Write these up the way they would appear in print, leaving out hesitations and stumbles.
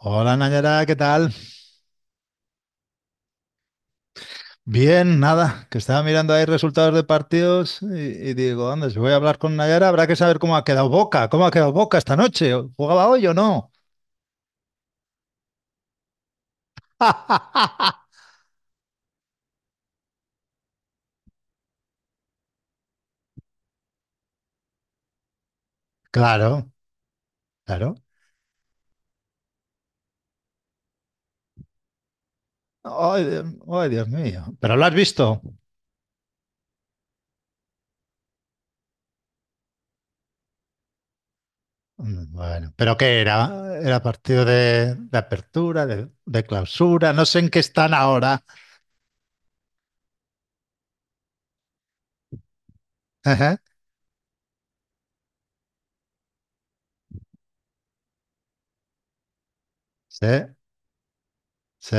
Hola Nayara, ¿qué tal? Bien, nada, que estaba mirando ahí resultados de partidos y digo, anda, si voy a hablar con Nayara, habrá que saber cómo ha quedado Boca, cómo ha quedado Boca esta noche, ¿jugaba hoy o no? Claro, claro. Ay, Dios, ay, Dios mío, ¿pero lo has visto? Mm. Bueno, ¿pero qué era? Era partido de apertura, de clausura, no sé en qué están ahora. Sí, sí.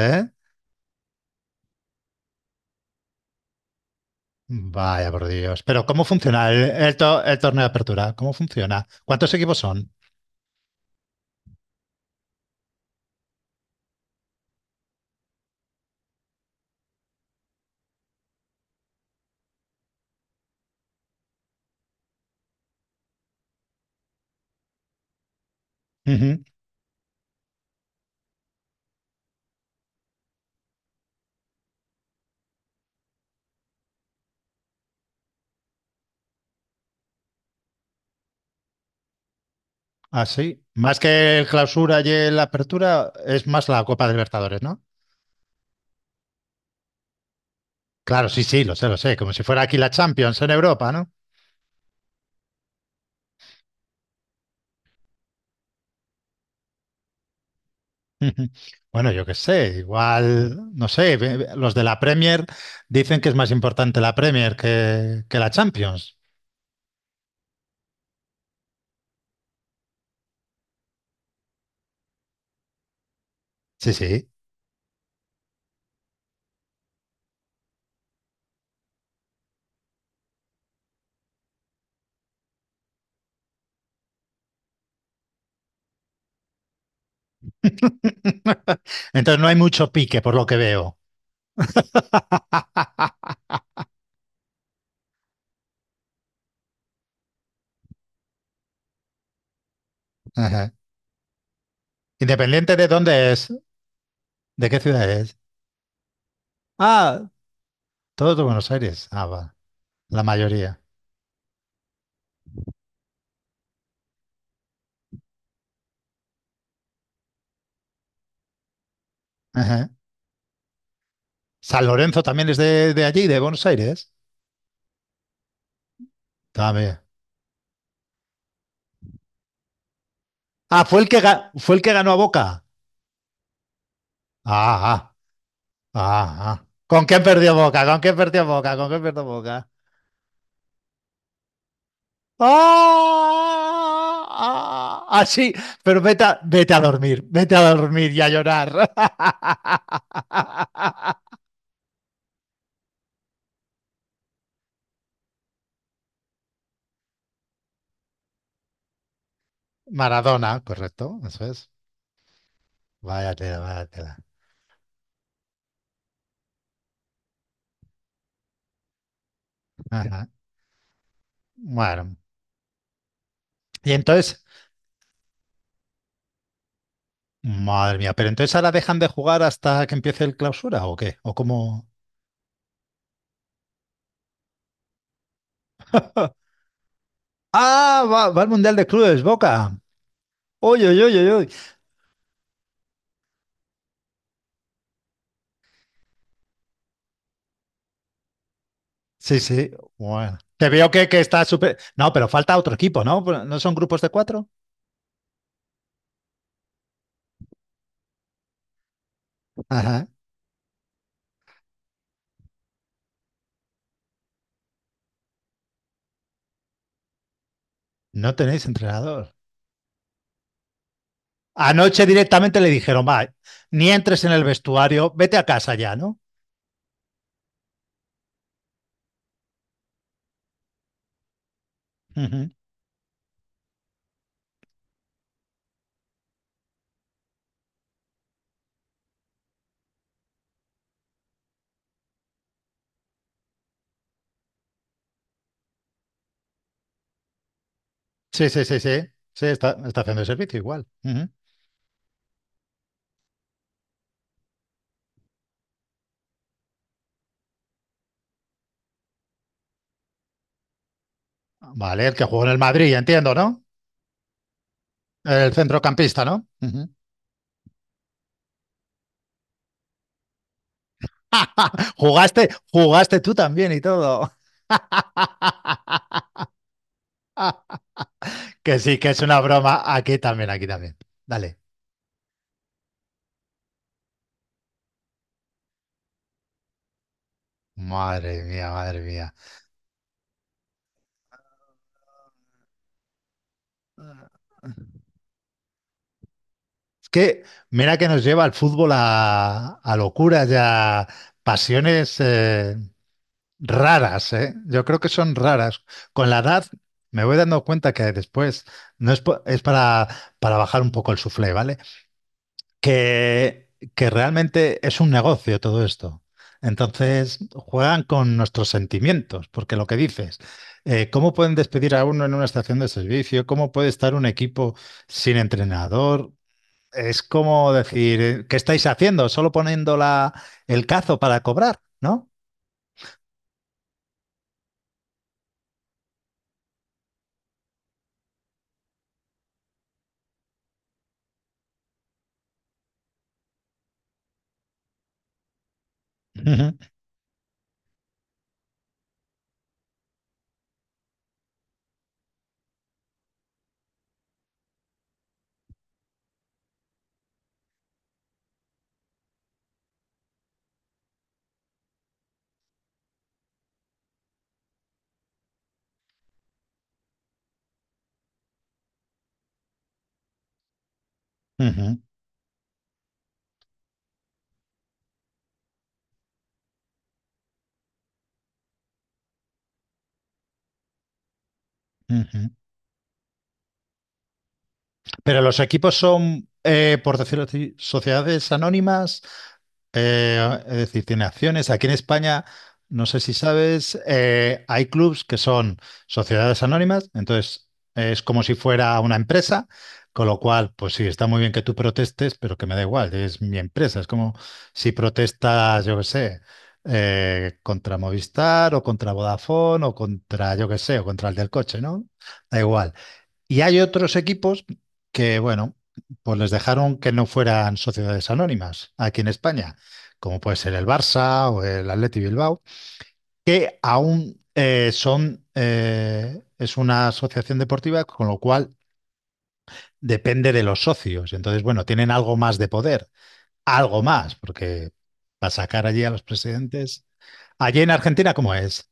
Vaya por Dios. Pero ¿cómo funciona el torneo de apertura? ¿Cómo funciona? ¿Cuántos equipos son? Ujú. Ah, sí. Más que el clausura y el apertura, es más la Copa de Libertadores, ¿no? Claro, sí, sí, lo sé, lo sé. Como si fuera aquí la Champions en Europa, ¿no? Ujú. Bueno, yo qué sé, igual, no sé, los de la Premier dicen que es más importante la Premier que la Champions. Sí, sí. Entonces no hay mucho pique, por lo que veo. Ajá. Independiente de dónde es, de qué ciudad es. Ah, todo de Buenos Aires. Ah, va, la mayoría. Ajá. San Lorenzo también es de allí, de Buenos Aires. También. Ah, fue el que, fue el que ganó a Boca. Ah, ah, ah, ah. ¿Con quién perdió Boca? ¿Con quién perdió Boca? ¿Con quién perdió Boca? ¡Ah! Ah, ah, sí, pero vete a, vete a dormir y a llorar. Maradona, correcto, eso es. Vaya tela, vaya tela. Ajá. Bueno. Y entonces, madre mía, ¿pero entonces ahora dejan de jugar hasta que empiece el clausura o qué? ¿O cómo? Ah, va, va al Mundial de Clubes, Boca. Uy, uy, uy, uy, uy. Sí, sí. Bueno. Te veo que está súper. No, pero falta otro equipo, ¿no? ¿No son grupos de cuatro? Ajá. No tenéis entrenador. Anoche directamente le dijeron, va, ni entres en el vestuario, vete a casa ya, ¿no? Ujú. Sí, sí, sí, sí. Sí, está, está haciendo el servicio igual. Ujú. Vale, el que jugó en el Madrid, entiendo, ¿no? El centrocampista, ¿no? Ujú. Jugaste, jugaste tú también y todo. Que sí, que es una broma. Aquí también, aquí también. Dale. Madre mía, madre mía. Es que mira que nos lleva el fútbol a locuras y a pasiones raras, ¿eh? Yo creo que son raras. Con la edad me voy dando cuenta que después no es, es para bajar un poco el suflé, ¿vale? que, que realmente es un negocio todo esto. Entonces juegan con nuestros sentimientos, porque lo que dices, ¿cómo pueden despedir a uno en una estación de servicio? ¿Cómo puede estar un equipo sin entrenador? Es como decir, ¿qué estáis haciendo? ¿Solo poniendo la, el cazo para cobrar? ¿No? Ujú, ujú, ujú. Pero los equipos son, por decirlo así, sociedades anónimas. Es decir, tiene acciones. Aquí en España, no sé si sabes, hay clubs que son sociedades anónimas, entonces es como si fuera una empresa, con lo cual, pues sí, está muy bien que tú protestes, pero que me da igual, es mi empresa. Es como si protestas, yo qué sé, contra Movistar o contra Vodafone o contra, yo qué sé, o contra el del coche, ¿no? Da igual. Y hay otros equipos que, bueno, pues les dejaron que no fueran sociedades anónimas aquí en España, como puede ser el Barça o el Athletic Bilbao, que aún son, es una asociación deportiva, con lo cual depende de los socios. Entonces, bueno, tienen algo más de poder, algo más, porque para sacar allí a los presidentes. Allí en Argentina, ¿cómo es?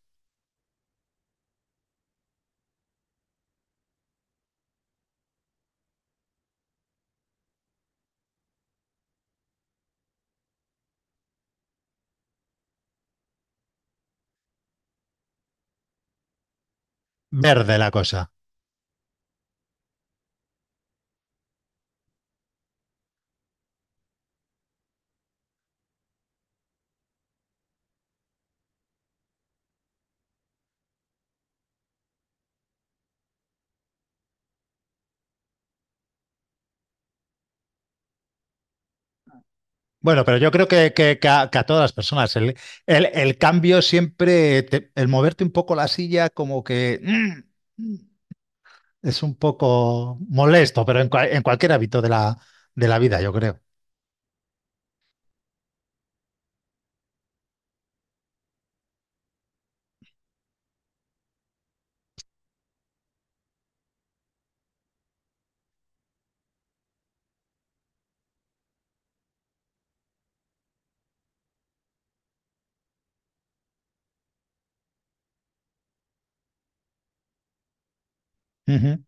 Verde la cosa. Bueno, pero yo creo que, que a todas las personas, el, el cambio siempre, el moverte un poco la silla, como que mm, mm, es un poco molesto, pero en, en cualquier hábito de la vida, yo creo. Ujú.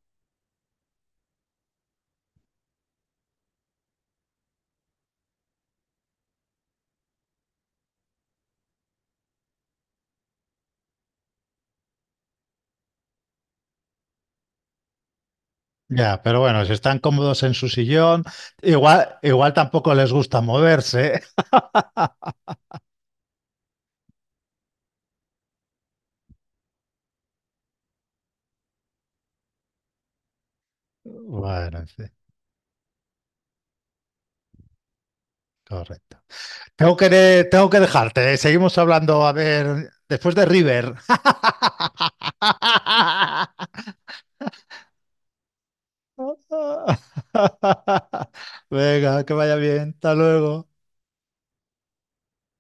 Ya, pero bueno, si están cómodos en su sillón, igual, igual tampoco les gusta moverse. Bueno, en fin, correcto. Tengo que, tengo que dejarte, ¿eh? Seguimos hablando, a ver, después de River. Venga, que vaya bien. Hasta luego.